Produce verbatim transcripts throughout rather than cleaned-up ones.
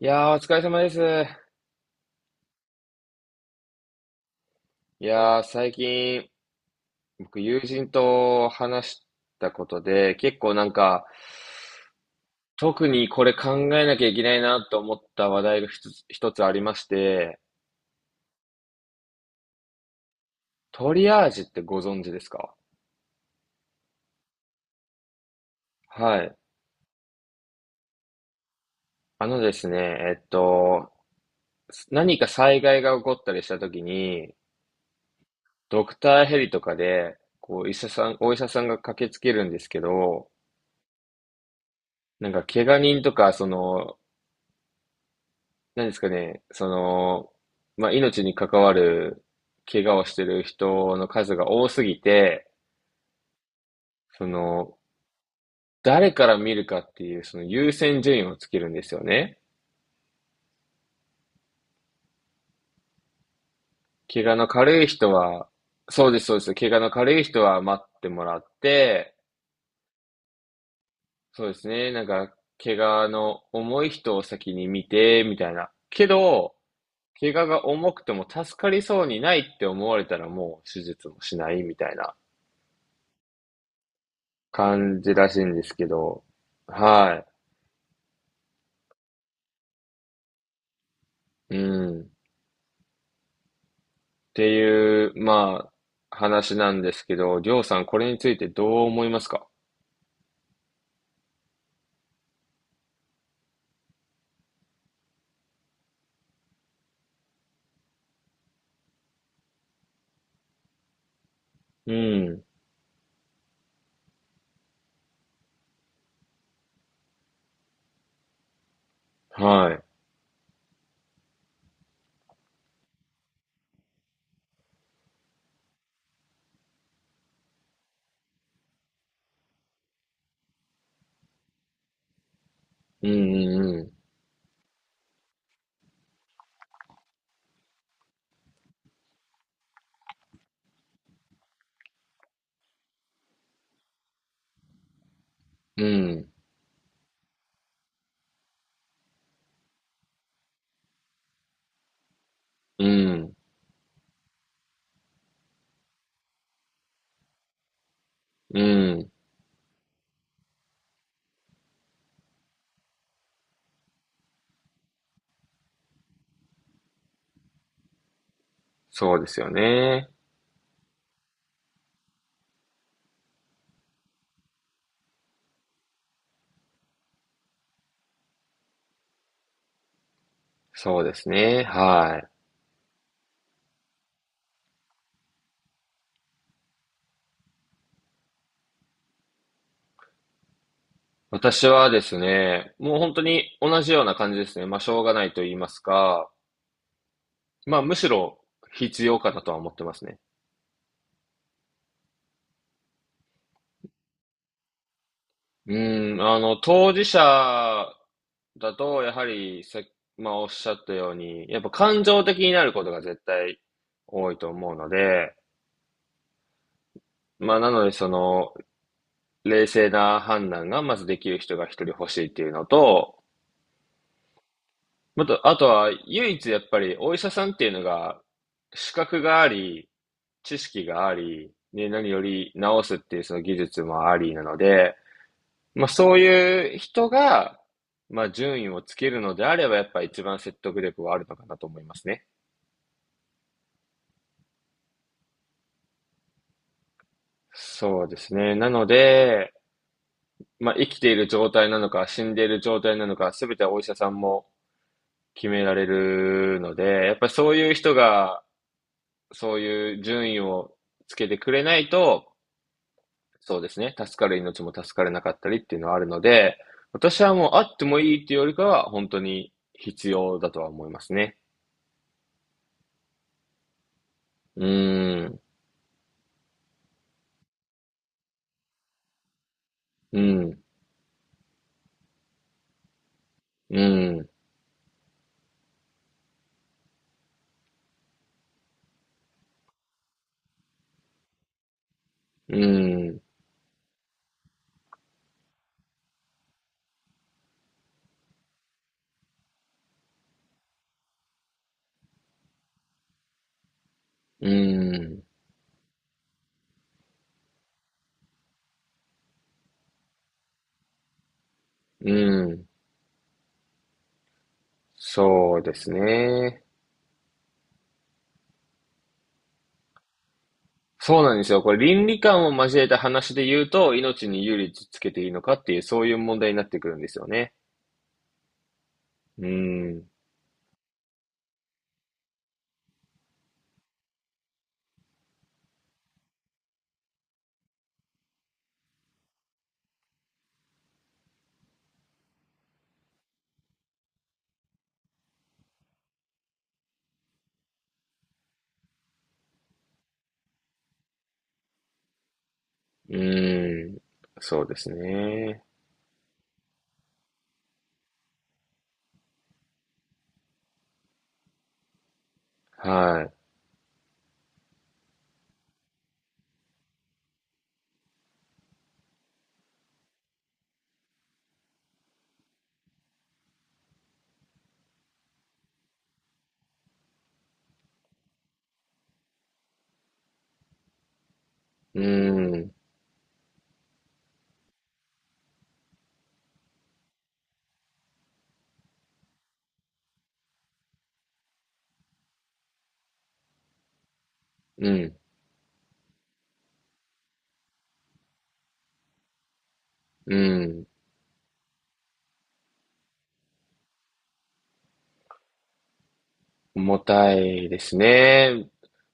いやー、お疲れ様です。いやー、最近、僕、友人と話したことで、結構なんか、特にこれ考えなきゃいけないなと思った話題が一つ、一つありまして、トリアージってご存知ですか？はい。あのですね、えっと、何か災害が起こったりした時に、ドクターヘリとかで、こう、医者さん、お医者さんが駆けつけるんですけど、なんか、怪我人とか、その、何ですかね、その、まあ、命に関わる怪我をしてる人の数が多すぎて、その、誰から見るかっていう、その優先順位をつけるんですよね。怪我の軽い人は、そうです、そうです。怪我の軽い人は待ってもらって、そうですね、なんか、怪我の重い人を先に見て、みたいな。けど、怪我が重くても助かりそうにないって思われたらもう手術もしないみたいな感じらしいんですけど、はい。うん。っていう、まあ、話なんですけど、りょうさん、これについてどう思いますか？うん。はい。うんうん。うん。うん。うん。うん。そうですよね。そうですね。はい。私はですね、もう本当に同じような感じですね。まあ、しょうがないと言いますか、まあ、むしろ必要かなとは思ってますね。うん、あの、当事者だと、やはりせ、まあ、おっしゃったように、やっぱ感情的になることが絶対多いと思うので、まあ、なので、その、冷静な判断がまずできる人が一人欲しいっていうのと、あと、あとは、唯一やっぱり、お医者さんっていうのが、資格があり、知識があり、ね、何より治すっていうその技術もありなので、まあ、そういう人が、まあ、順位をつけるのであれば、やっぱ一番説得力はあるのかなと思いますね。そうですね。なので、まあ、生きている状態なのか、死んでいる状態なのか、すべてはお医者さんも決められるので、やっぱりそういう人が、そういう順位をつけてくれないと、そうですね、助かる命も助かれなかったりっていうのはあるので、私はもうあってもいいっていうよりかは、本当に必要だとは思いますね。うーん、うん、うん、うん、うん、うん、そうですね。そうなんですよ。これ倫理観を交えた話で言うと、命に有利つけていいのかっていう、そういう問題になってくるんですよね。うん。うん。そうですね。はい。うん。うん。うん。重たいですね。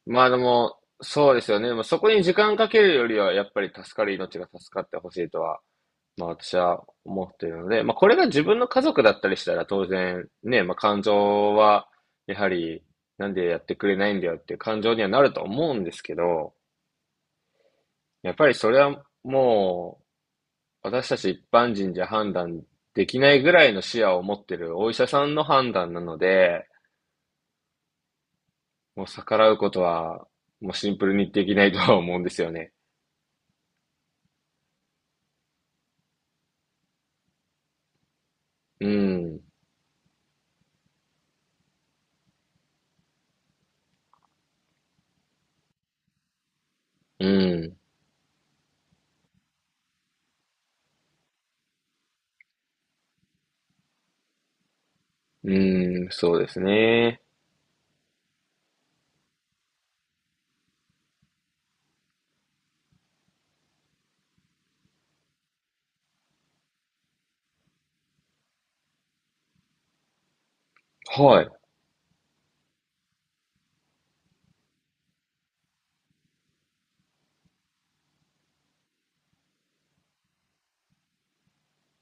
まあでも、そうですよね。まあ、そこに時間かけるよりは、やっぱり助かる命が助かってほしいとはまあ私は思っているので、まあこれが自分の家族だったりしたら当然ね、まあ感情はやはりなんでやってくれないんだよっていう感情にはなると思うんですけど、やっぱりそれはもう私たち一般人じゃ判断できないぐらいの視野を持ってるお医者さんの判断なので、もう逆らうことはもうシンプルにできないとは思うんですよね。うん、うん、うん、そうですね。はい。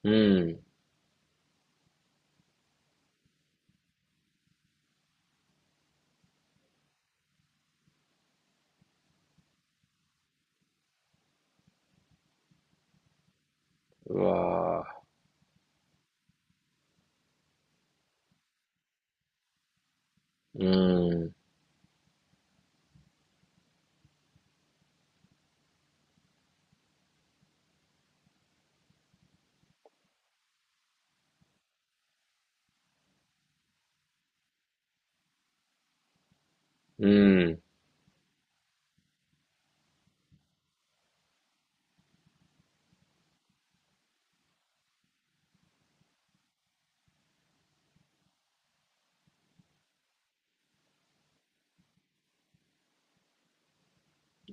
うん。うわー。うん。うん。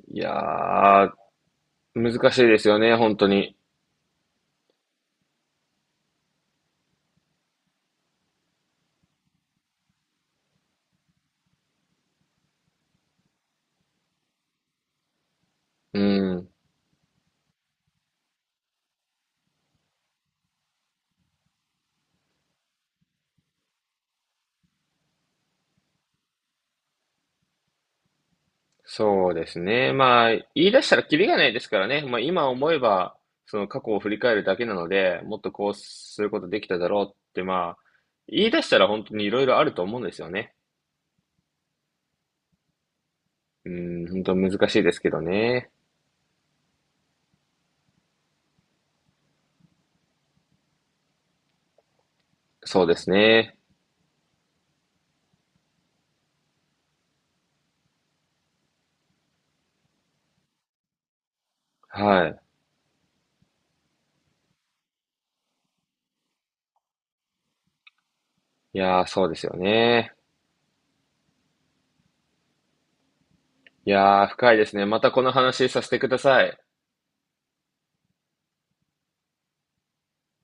いやー、難しいですよね、本当に。うん。そうですね。まあ、言い出したらキリがないですからね。まあ、今思えば、その過去を振り返るだけなので、もっとこうすることできただろうって、まあ、言い出したら本当にいろいろあると思うんですよね。うん、本当難しいですけどね。そうですね。はい。いやー、そうですよね。いやー、深いですね。またこの話させてください。